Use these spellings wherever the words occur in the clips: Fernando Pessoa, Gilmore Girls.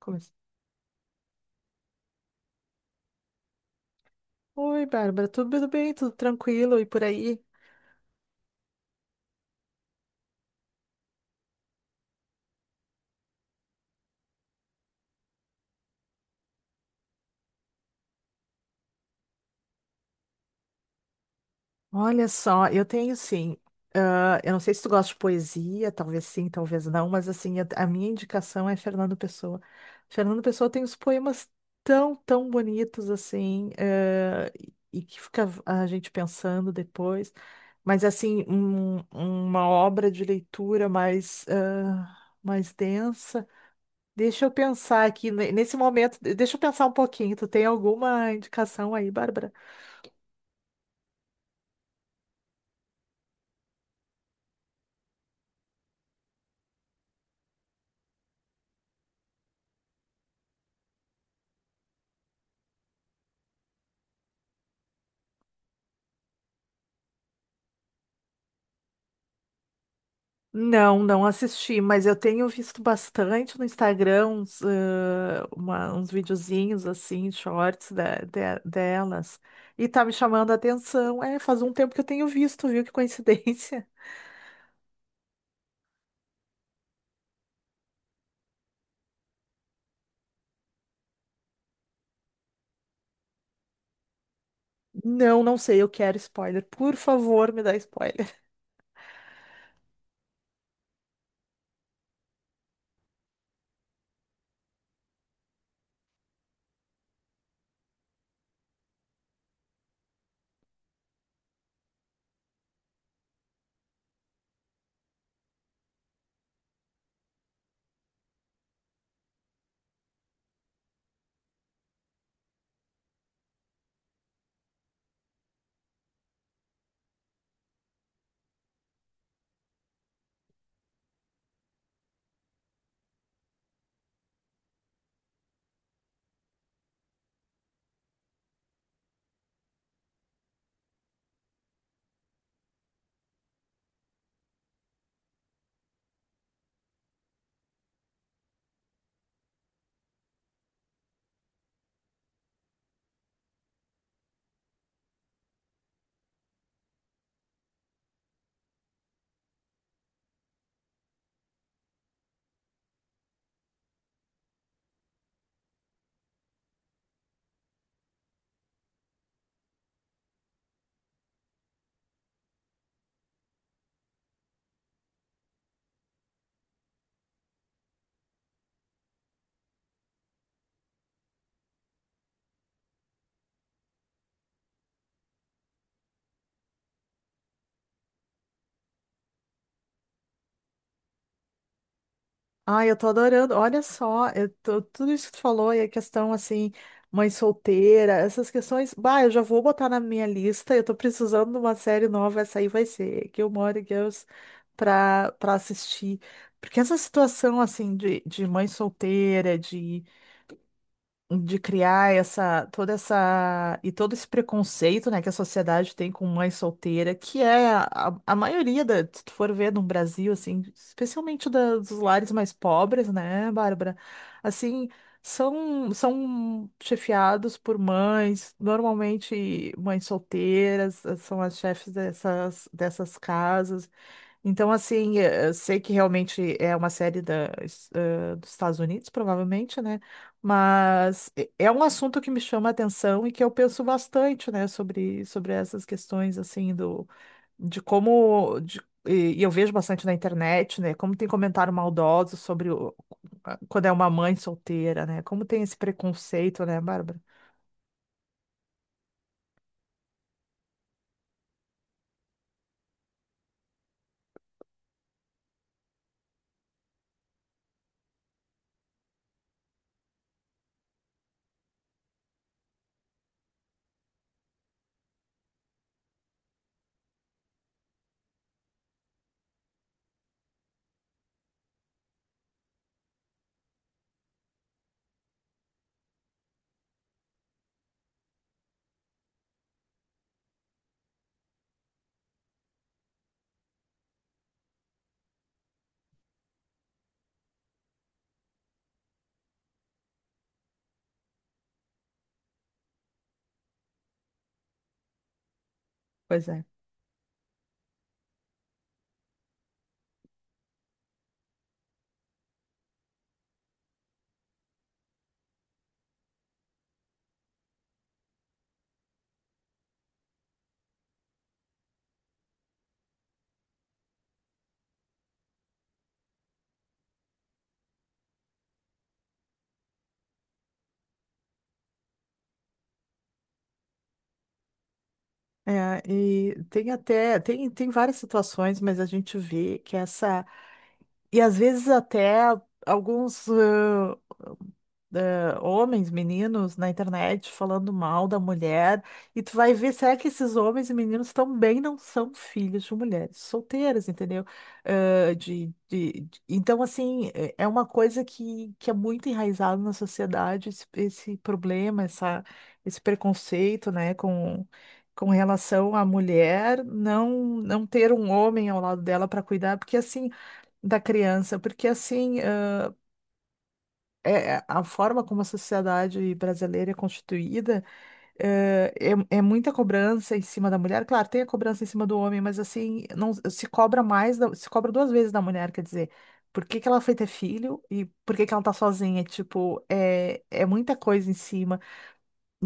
Começa. Oi, Bárbara, tudo bem? Tudo tranquilo e por aí? Olha só, eu tenho sim. Eu não sei se tu gosta de poesia, talvez sim, talvez não, mas assim, a minha indicação é Fernando Pessoa. Fernando Pessoa tem uns poemas tão bonitos assim, e que fica a gente pensando depois. Mas assim, uma obra de leitura mais, mais densa. Deixa eu pensar aqui, nesse momento, deixa eu pensar um pouquinho. Tu tem alguma indicação aí, Bárbara? Não, não assisti, mas eu tenho visto bastante no Instagram uns, uns videozinhos assim, shorts delas. E tá me chamando a atenção. É, faz um tempo que eu tenho visto, viu? Que coincidência. Não, não sei, eu quero spoiler. Por favor, me dá spoiler. Ah, eu tô adorando. Olha só, tudo isso que tu falou e a questão assim, mãe solteira, essas questões. Bah, eu já vou botar na minha lista. Eu tô precisando de uma série nova. Essa aí vai ser Gilmore Girls pra assistir. Porque essa situação assim de mãe solteira, de criar essa toda essa e todo esse preconceito, né, que a sociedade tem com mãe solteira, que é a maioria da, se tu for ver no Brasil assim, especialmente dos lares mais pobres, né, Bárbara? Assim, são chefiados por mães, normalmente mães solteiras, são as chefes dessas casas. Então, assim, eu sei que realmente é uma série da, dos Estados Unidos, provavelmente, né? Mas é um assunto que me chama a atenção e que eu penso bastante, né, sobre essas questões, assim, do, de como. E eu vejo bastante na internet, né? Como tem comentário maldoso sobre quando é uma mãe solteira, né? Como tem esse preconceito, né, Bárbara? Pois é. É, e tem até, tem, tem várias situações, mas a gente vê que essa. E às vezes até alguns homens, meninos na internet falando mal da mulher, e tu vai ver, será que esses homens e meninos também não são filhos de mulheres solteiras, entendeu? Então, assim, é uma coisa que é muito enraizado na sociedade, esse problema, esse preconceito, né, com relação à mulher não ter um homem ao lado dela para cuidar, porque assim da criança, porque assim, é, a forma como a sociedade brasileira é constituída eh, é, é muita cobrança em cima da mulher. Claro, tem a cobrança em cima do homem, mas assim, não se cobra mais, se cobra duas vezes da mulher, quer dizer, por que que ela foi ter filho e por que que ela tá sozinha? Tipo, é muita coisa em cima.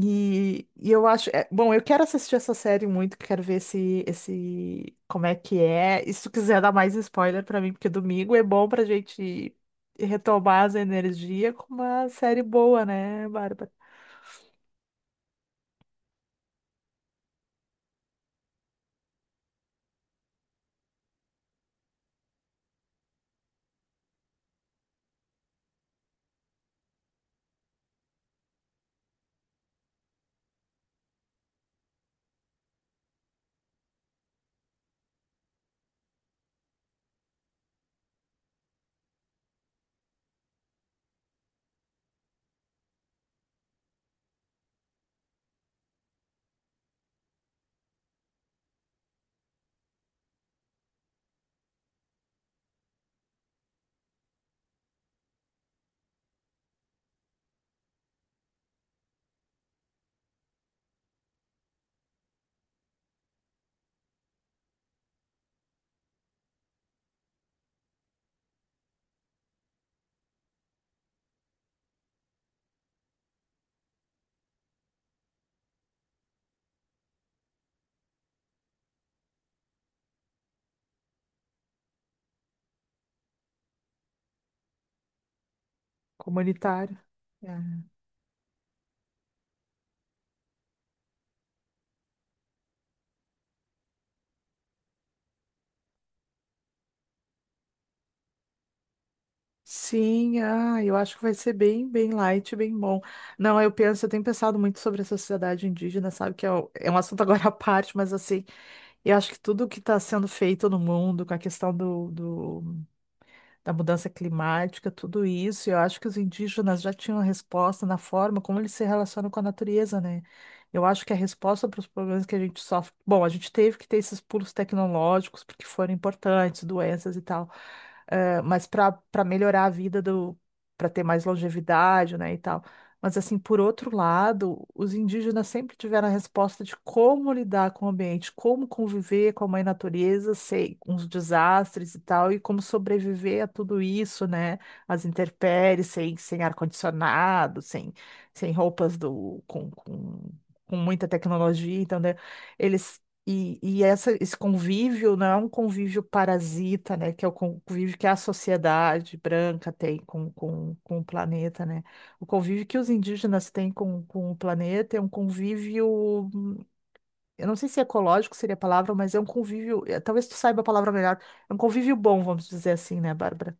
E eu acho, bom, eu quero assistir essa série muito, quero ver esse, como é que é. E se tu quiser dar mais spoiler pra mim, porque domingo é bom pra gente retomar as energias com uma série boa, né, Bárbara? Comunitária. É. Sim, ah, eu acho que vai ser bem, bem light, bem bom. Não, eu penso, eu tenho pensado muito sobre a sociedade indígena, sabe? Que é, é um assunto agora à parte, mas assim, eu acho que tudo que está sendo feito no mundo, com a questão do da mudança climática, tudo isso. E eu acho que os indígenas já tinham a resposta na forma como eles se relacionam com a natureza, né? Eu acho que a resposta para os problemas que a gente sofre. Bom, a gente teve que ter esses pulos tecnológicos porque foram importantes, doenças e tal, mas para melhorar a vida do, para ter mais longevidade, né, e tal. Mas, assim, por outro lado, os indígenas sempre tiveram a resposta de como lidar com o ambiente, como conviver com a mãe natureza, sei, com os desastres e tal, e como sobreviver a tudo isso, né? As intempéries, sem ar-condicionado, sem, sem roupas do, com muita tecnologia, então, né? Eles. E essa, esse convívio não é um convívio parasita, né? Que é o convívio que a sociedade branca tem com o planeta, né? O convívio que os indígenas têm com o planeta é um convívio, eu não sei se é ecológico seria a palavra, mas é um convívio, talvez tu saiba a palavra melhor, é um convívio bom, vamos dizer assim, né, Bárbara?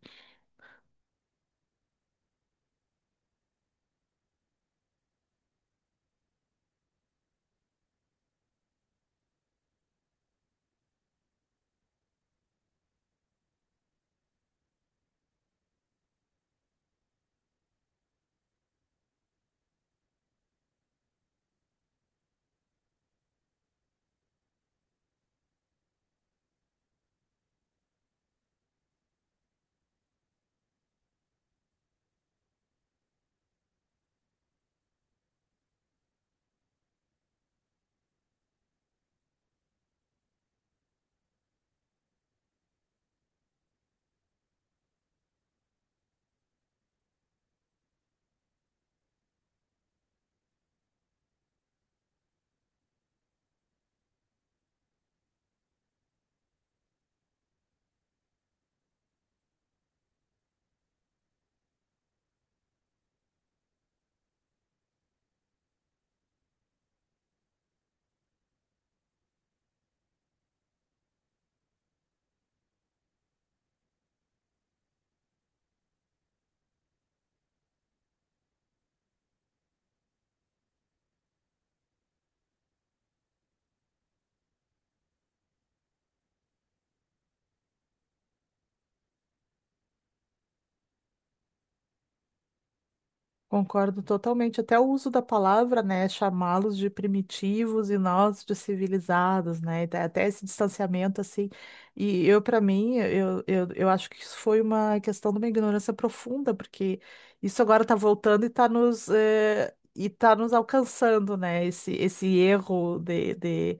Concordo totalmente. Até o uso da palavra, né, chamá-los de primitivos e nós de civilizados, né, até esse distanciamento assim. E eu, para mim, eu acho que isso foi uma questão de uma ignorância profunda, porque isso agora está voltando e está e tá nos alcançando, né, esse erro de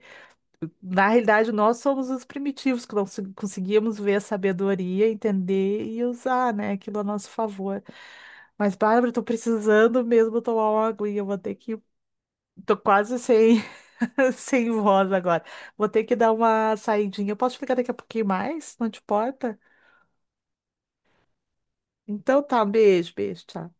na realidade, nós somos os primitivos que conseguíamos ver a sabedoria, entender e usar, né, aquilo a nosso favor. Mas, Bárbara, estou precisando mesmo tomar uma aguinha, eu vou ter que. Tô quase sem, sem voz agora. Vou ter que dar uma saidinha. Eu posso ficar daqui a pouquinho mais? Não te importa? Então tá, um beijo, beijo, tchau.